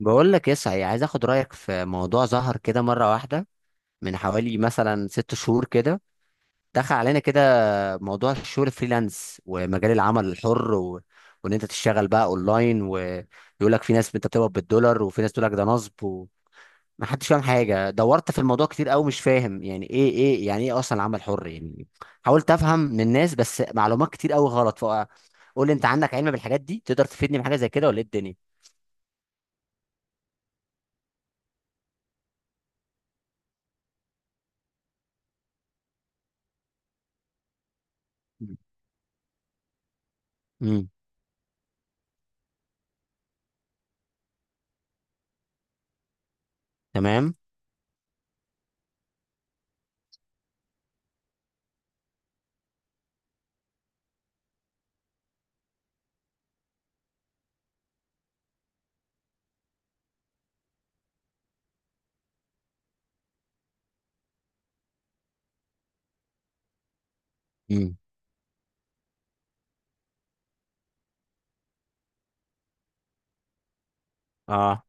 بقول لك يا سعي، عايز اخد رايك في موضوع ظهر كده مره واحده من حوالي مثلا ست شهور كده. دخل علينا كده موضوع الشغل فريلانس ومجال العمل الحر وان انت تشتغل بقى اونلاين، ويقول لك في ناس انت بتقبض بالدولار وفي ناس تقول لك ده نصب، وما حدش فاهم حاجه. دورت في الموضوع كتير قوي، مش فاهم يعني ايه، يعني ايه اصلا العمل الحر يعني. حاولت افهم من الناس، بس معلومات كتير قوي غلط. فقول لي، انت عندك علم بالحاجات دي، تقدر تفيدني بحاجه زي كده ولا ايه الدنيا؟ امم تمام. امم اه.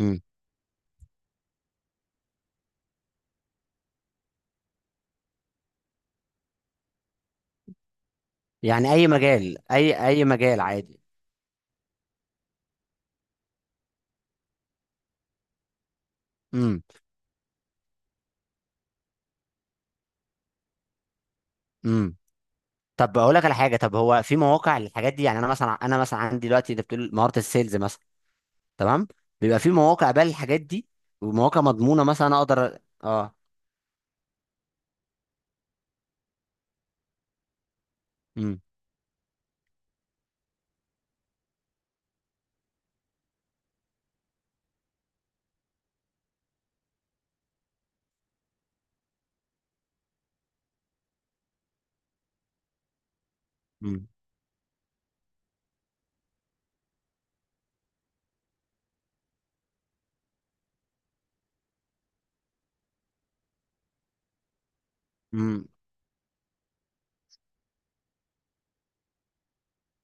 امم يعني اي مجال، اي مجال عادي. امم امم طب اقول لك على حاجه، طب هو في مواقع للحاجات دي؟ يعني انا مثلا عندي دلوقتي انت بتقول مهاره السيلز مثلا. تمام. بيبقى في مواقع بقى للحاجات دي، ومواقع مضمونه مثلا، اقدر امم امم امم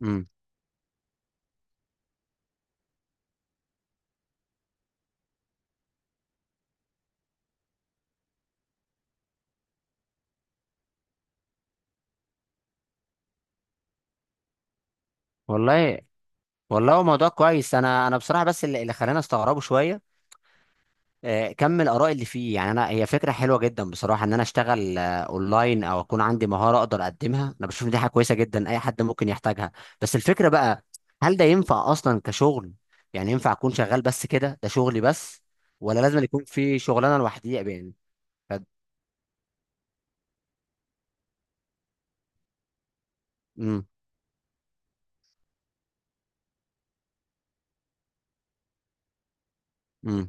امم والله. والله هو موضوع كويس. انا بصراحه بس اللي خلاني استغربه شويه كم الاراء اللي فيه. يعني انا، هي فكره حلوه جدا بصراحه، ان انا اشتغل اونلاين او اكون عندي مهاره اقدر اقدمها. انا بشوف إن دي حاجه كويسه جدا، اي حد ممكن يحتاجها. بس الفكره بقى، هل ده ينفع اصلا كشغل؟ يعني ينفع اكون شغال بس كده، ده شغلي بس؟ ولا لازم يكون في شغلانه لوحدي يعني؟ ف... امم امم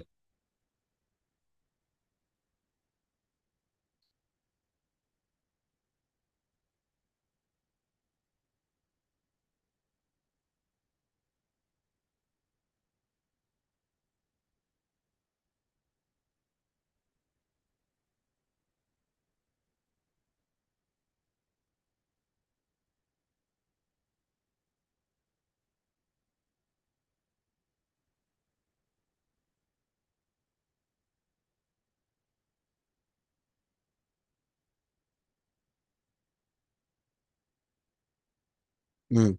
امم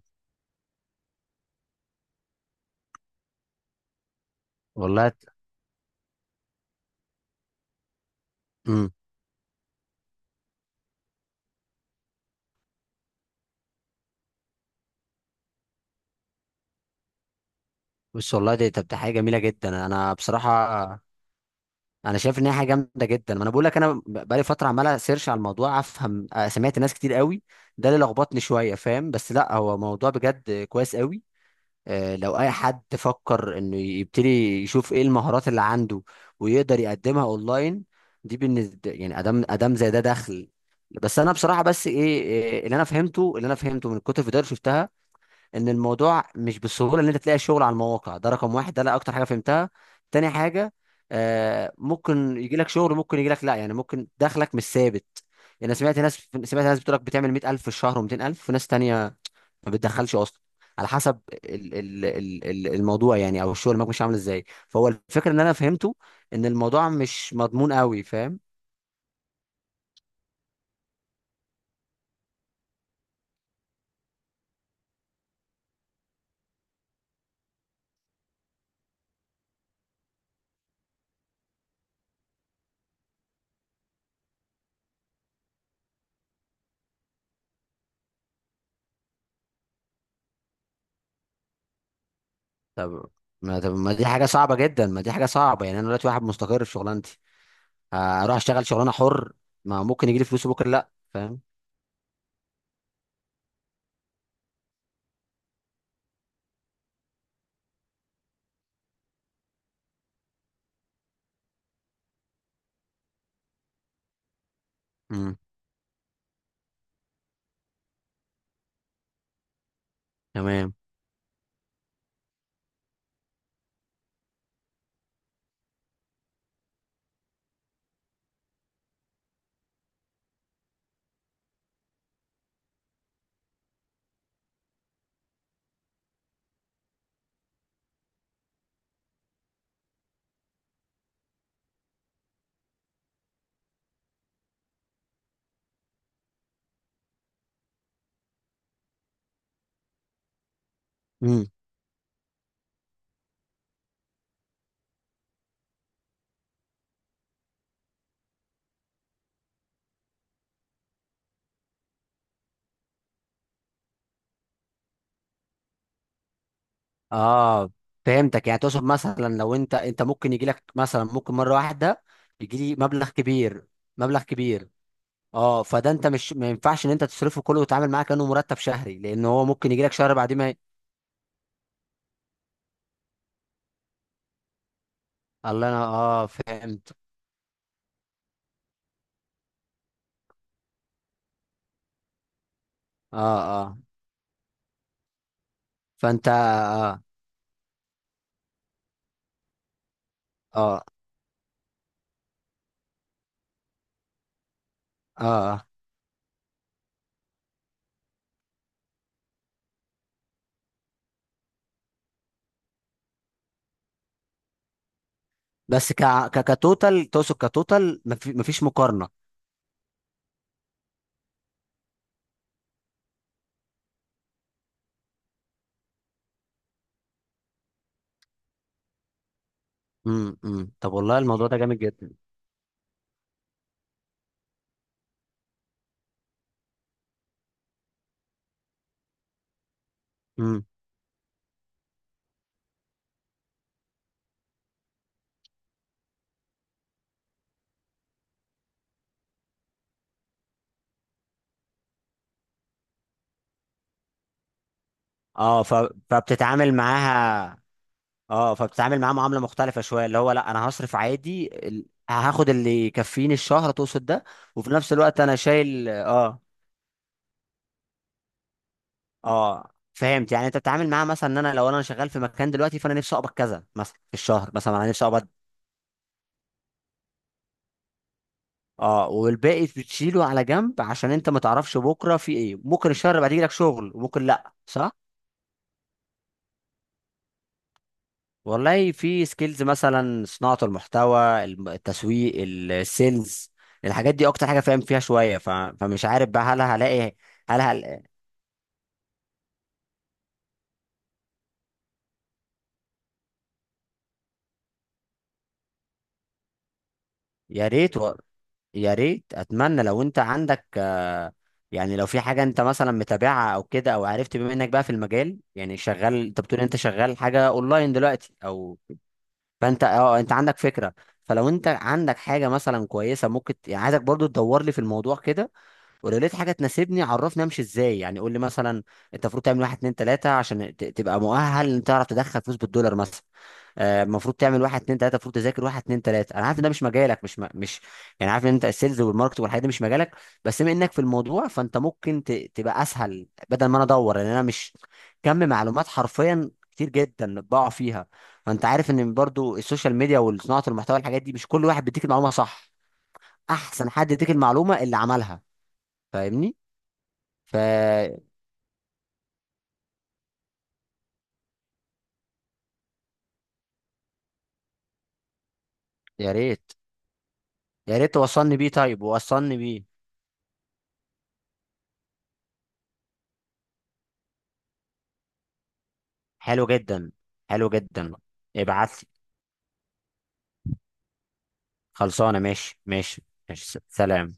والله. امم بص والله دي، طب ده حاجه جميله جدا. انا بصراحه انا شايف ان هي حاجه جامده جدا. ما انا بقول لك، بقالي فتره عمال سيرش على الموضوع افهم. سمعت ناس كتير قوي. ده اللي لخبطني شويه فاهم، بس لا، هو موضوع بجد كويس قوي. لو اي حد فكر انه يبتدي، يشوف ايه المهارات اللي عنده ويقدر يقدمها اونلاين. دي بالنسبه يعني ادام ادام زي ده دخل. بس انا بصراحه، بس ايه، اللي انا فهمته من كتر الفيديوهات اللي شفتها، ان الموضوع مش بالسهوله ان انت تلاقي شغل على المواقع ده. رقم واحد ده، لا، اكتر حاجه فهمتها. تاني حاجه، ممكن يجي لك شغل، ممكن يجي لك لا، يعني ممكن دخلك مش ثابت. يعني انا سمعت ناس، بتقول لك بتعمل 100000 في الشهر و200000، وناس تانية ما بتدخلش اصلا، على حسب ال ال ال ال الموضوع يعني، او الشغل معاك مش عامل ازاي. فهو الفكره ان انا فهمته ان الموضوع مش مضمون قوي فاهم. طب، ما دي حاجه صعبه جدا. ما دي حاجه صعبه يعني انا دلوقتي واحد مستقر في شغلانتي، هروح اشتغل شغلانه حر؟ ما ممكن يجي لي فلوس بكره لا فاهم. امم تمام. امم اه، فهمتك، يعني تقصد مثلا لو انت ممكن يجي لك مثلا، ممكن مره واحده يجي لي مبلغ كبير، مبلغ كبير. اه، فده انت مش، ما ينفعش ان انت تصرفه كله وتتعامل معاه كانه مرتب شهري، لان هو ممكن يجي لك شهر، بعدين ما ي- الله! انا فهمت. اه، اه، فانت. اه اه اه آه. بس كتوتال، تقصد كتوتال، ما فيش مقارنه. أمم. طب والله الموضوع ده جامد جدا. امم اه، فبتتعامل معاها. اه، فبتتعامل معاها معامله مختلفه شويه، اللي هو لا انا هصرف عادي، هاخد اللي يكفيني الشهر، تقصد ده؟ وفي نفس الوقت انا شايل اه، فهمت، يعني انت بتتعامل معاها مثلا ان انا، لو انا شغال في مكان دلوقتي، فانا نفسي اقبض كذا مثلا في الشهر مثلا، انا نفسي اقبض. اه، والباقي بتشيله على جنب عشان انت ما تعرفش بكره في ايه، ممكن الشهر بعد يجيلك شغل وممكن لا، صح؟ والله في سكيلز، مثلا صناعة المحتوى، التسويق، السيلز، الحاجات دي اكتر حاجة فاهم فيها شوية. فمش عارف بقى، هل هلاقي؟ هل يا ريت يا ريت، اتمنى لو انت عندك يعني لو في حاجة انت مثلا متابعها او كده، او عرفت، بما انك بقى في المجال يعني شغال، انت بتقول انت شغال حاجة اونلاين دلوقتي او، فانت انت عندك فكرة. فلو انت عندك حاجة مثلا كويسة، ممكن يعني عايزك برضو تدور لي في الموضوع كده. ولو لقيت حاجه تناسبني عرفني امشي ازاي، يعني قول لي مثلا انت المفروض تعمل واحد اتنين تلاته عشان تبقى مؤهل ان تعرف تدخل فلوس بالدولار مثلا. المفروض تعمل واحد اتنين تلاته، المفروض تذاكر واحد اتنين تلاته. انا عارف ان ده مش مجالك، مش مش، يعني عارف ان انت السيلز والماركت والحاجات دي مش مجالك. بس بما انك في الموضوع، فانت ممكن تبقى اسهل بدل ما انا ادور، لان انا مش، كم معلومات حرفيا كتير جدا بقع فيها. فانت عارف ان برضو السوشيال ميديا وصناعه المحتوى الحاجات دي، مش كل واحد بيديك المعلومه صح. احسن حد يديك المعلومه اللي عملها، فاهمني؟ فيا ريت، يا ريت توصلني بيه. طيب وصلني بيه. حلو جدا. حلو جدا، ابعت لي. خلصانه، ماشي ماشي. ماشي، سلام.